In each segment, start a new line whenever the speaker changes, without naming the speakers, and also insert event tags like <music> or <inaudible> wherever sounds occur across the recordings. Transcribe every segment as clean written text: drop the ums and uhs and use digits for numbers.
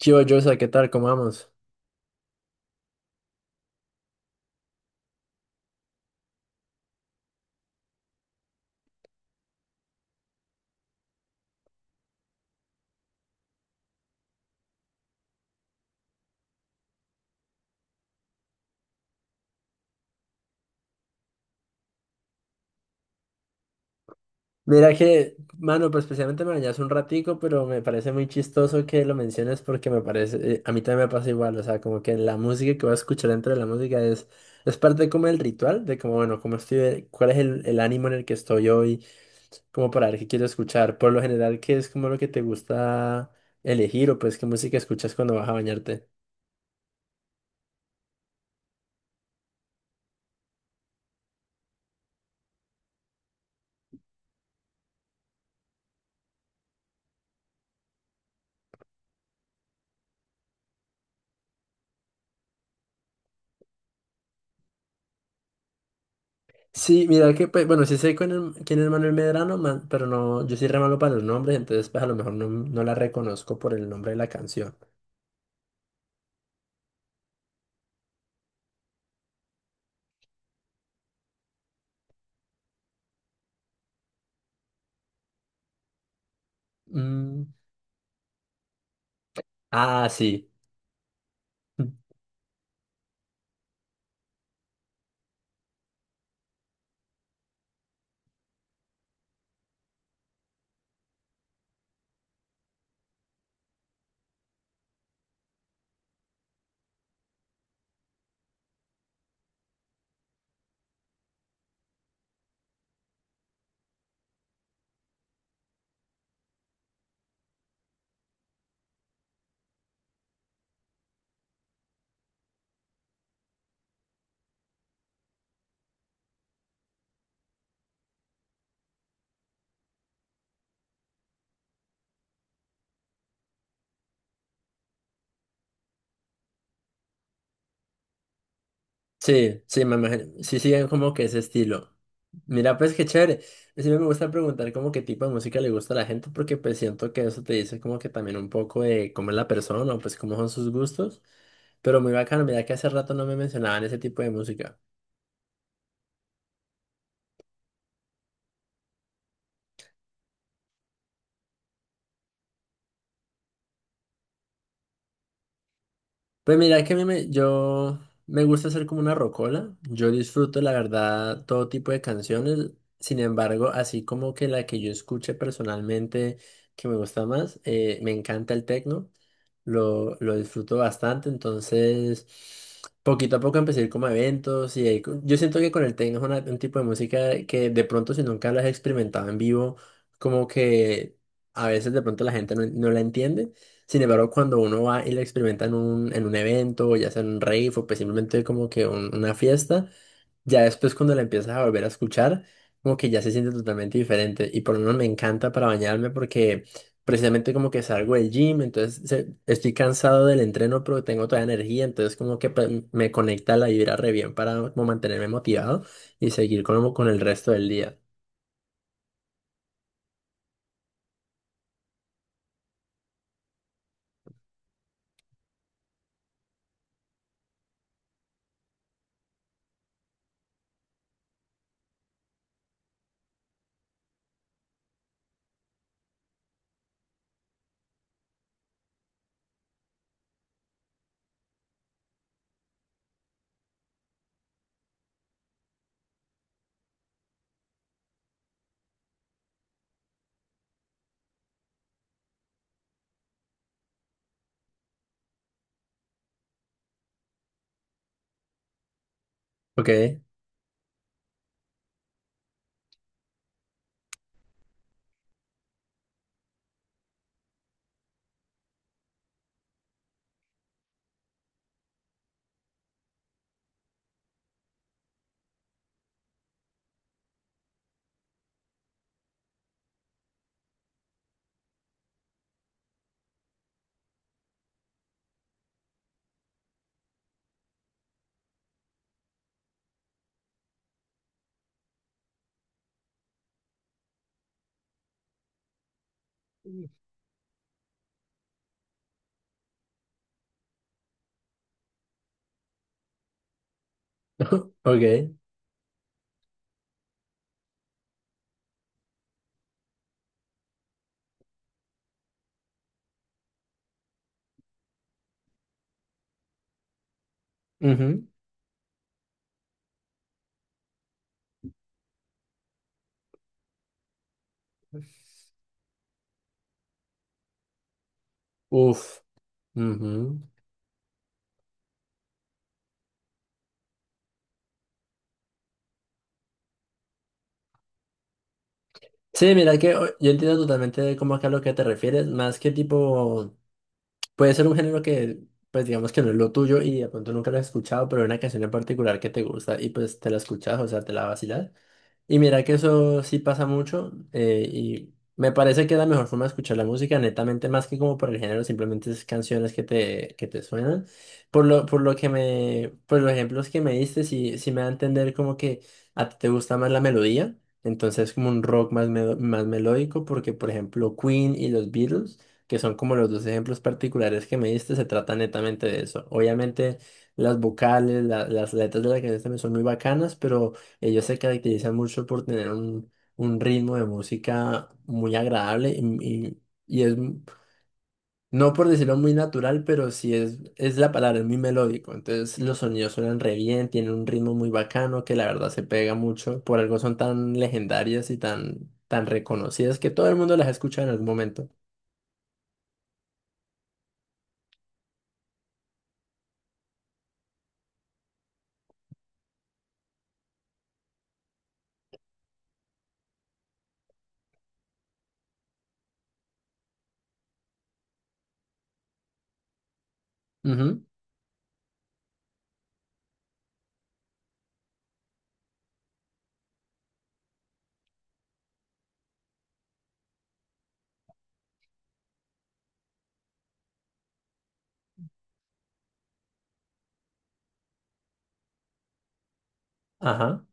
Chivo Joshua, ¿qué tal? ¿Cómo vamos? Mira que, mano, pues especialmente me dañas un ratico, pero me parece muy chistoso que lo menciones porque me parece, a mí también me pasa igual, o sea, como que la música que voy a escuchar dentro de la música es parte como del ritual, de como, bueno, cómo estoy, cuál es el ánimo en el que estoy hoy, como para ver qué quiero escuchar. Por lo general, ¿qué es como lo que te gusta elegir o pues qué música escuchas cuando vas a bañarte? Sí, mira que, pues, bueno, sí sé quién es Manuel Medrano, pero no, yo soy re malo para los nombres, entonces pues a lo mejor no, no la reconozco por el nombre de la canción. Mm. Ah, sí. <laughs> Sí, sí, me imagino. Sí, siguen como que ese estilo. Mira, pues qué chévere. Siempre me gusta preguntar como qué tipo de música le gusta a la gente, porque pues siento que eso te dice como que también un poco de cómo es la persona o pues cómo son sus gustos. Pero muy bacano, mira que hace rato no me mencionaban ese tipo de música. Pues mira que a yo me gusta hacer como una rocola. Yo disfruto, la verdad, todo tipo de canciones. Sin embargo, así como que la que yo escuche personalmente que me gusta más, me encanta el tecno. Lo disfruto bastante. Entonces, poquito a poco empecé a ir como a eventos. Y ahí yo siento que con el tecno es un tipo de música que de pronto, si nunca lo has experimentado en vivo, como que a veces de pronto la gente no la entiende. Sin embargo, cuando uno va y lo experimenta en en un evento, ya sea en un rave o pues simplemente como que una fiesta, ya después cuando la empiezas a volver a escuchar, como que ya se siente totalmente diferente. Y por lo menos me encanta para bañarme porque precisamente como que salgo del gym, entonces estoy cansado del entreno, pero tengo toda energía, entonces como que pues, me conecta la vibra re bien para como mantenerme motivado y seguir como con el resto del día. Ok. <laughs> Ok. Ujú. Uf. Ujú. Sí, mira que yo entiendo totalmente como que a lo que te refieres, más que tipo, puede ser un género que, pues digamos que no es lo tuyo y de pronto nunca lo has escuchado, pero hay una canción en particular que te gusta y pues te la escuchas, o sea, te la vacilas. Y mira que eso sí pasa mucho, y me parece que la mejor forma de escuchar la música, netamente más que como por el género, simplemente es canciones que que te suenan. Por por lo que por los ejemplos que me diste, sí, sí me da a entender como que a ti te gusta más la melodía, entonces como un rock más, más melódico, porque por ejemplo Queen y los Beatles, que son como los dos ejemplos particulares que me diste, se trata netamente de eso. Obviamente las vocales, las letras de la canción también son muy bacanas, pero... Ellos se caracterizan mucho por tener un ritmo de música muy agradable y- y es, no por decirlo muy natural, pero sí es la palabra, es muy melódico. Entonces los sonidos suenan re bien, tienen un ritmo muy bacano que la verdad se pega mucho. Por algo son tan legendarias y tan, tan reconocidas que todo el mundo las escucha en algún momento. Ujú. Ajá.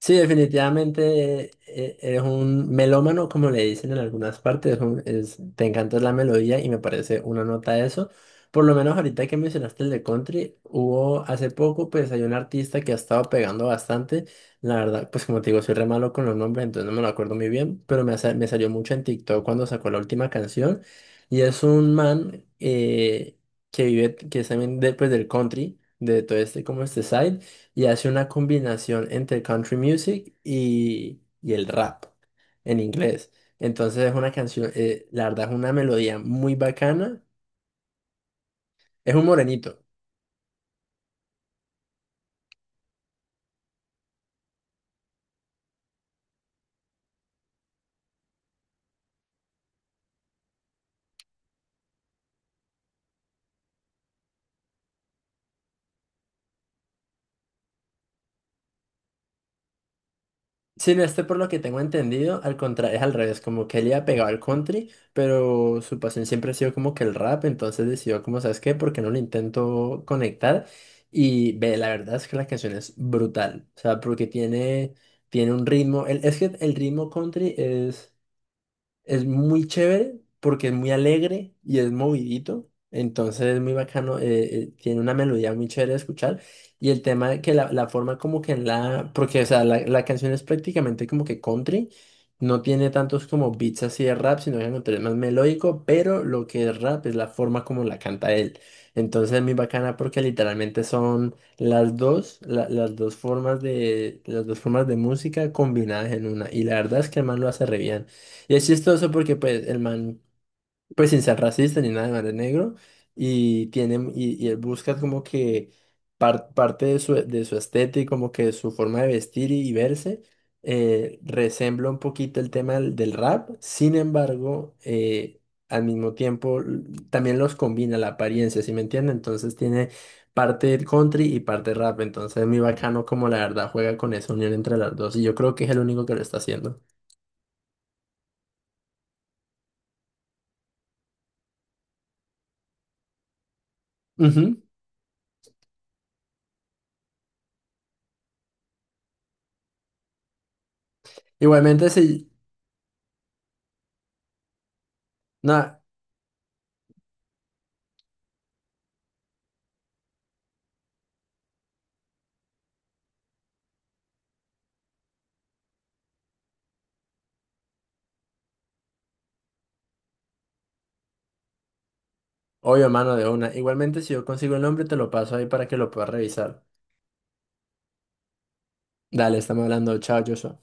Sí, definitivamente, eres un melómano, como le dicen en algunas partes. Te encanta la melodía y me parece una nota eso. Por lo menos ahorita que mencionaste el de country, hubo hace poco, pues hay un artista que ha estado pegando bastante. La verdad, pues como te digo, soy re malo con los nombres, entonces no me lo acuerdo muy bien, pero me salió mucho en TikTok cuando sacó la última canción. Y es un man que vive, que es también de, pues, del country, de todo este, como este side, y hace una combinación entre country music y el rap en inglés. Entonces es una canción, la verdad es una melodía muy bacana. Es un morenito. Sin este, por lo que tengo entendido, al contrario, es al revés, como que él iba pegado al country, pero su pasión siempre ha sido como que el rap, entonces decidió como, ¿sabes qué? ¿Por qué no lo intento conectar? Y ve, la verdad es que la canción es brutal, o sea, porque tiene, tiene un ritmo, es que el ritmo country es... Es muy chévere porque es muy alegre y es movidito. Entonces es muy bacano, tiene una melodía muy chévere de escuchar. Y el tema de que la forma como que en la... Porque, o sea, la canción es prácticamente como que country. No tiene tantos como beats así de rap, sino que al contrario, es más melódico. Pero lo que es rap es la forma como la canta él. Entonces es muy bacana porque literalmente son las dos, las dos formas de, las dos formas de música combinadas en una. Y la verdad es que el man lo hace re bien. Y es chistoso porque pues el man, pues sin ser racista ni nada, el man es negro y tiene, y él busca como que parte de su estética, como que su forma de vestir y verse, resembla un poquito el tema del, del rap, sin embargo, al mismo tiempo también los combina la apariencia, ¿sí me entiende? Entonces tiene parte country y parte rap, entonces es muy bacano como la verdad juega con esa unión entre las dos y yo creo que es el único que lo está haciendo. Ujú. Igualmente, si, Nada, obvio, mano, de una. Igualmente, si yo consigo el nombre, te lo paso ahí para que lo puedas revisar. Dale, estamos hablando. Chao, Joshua.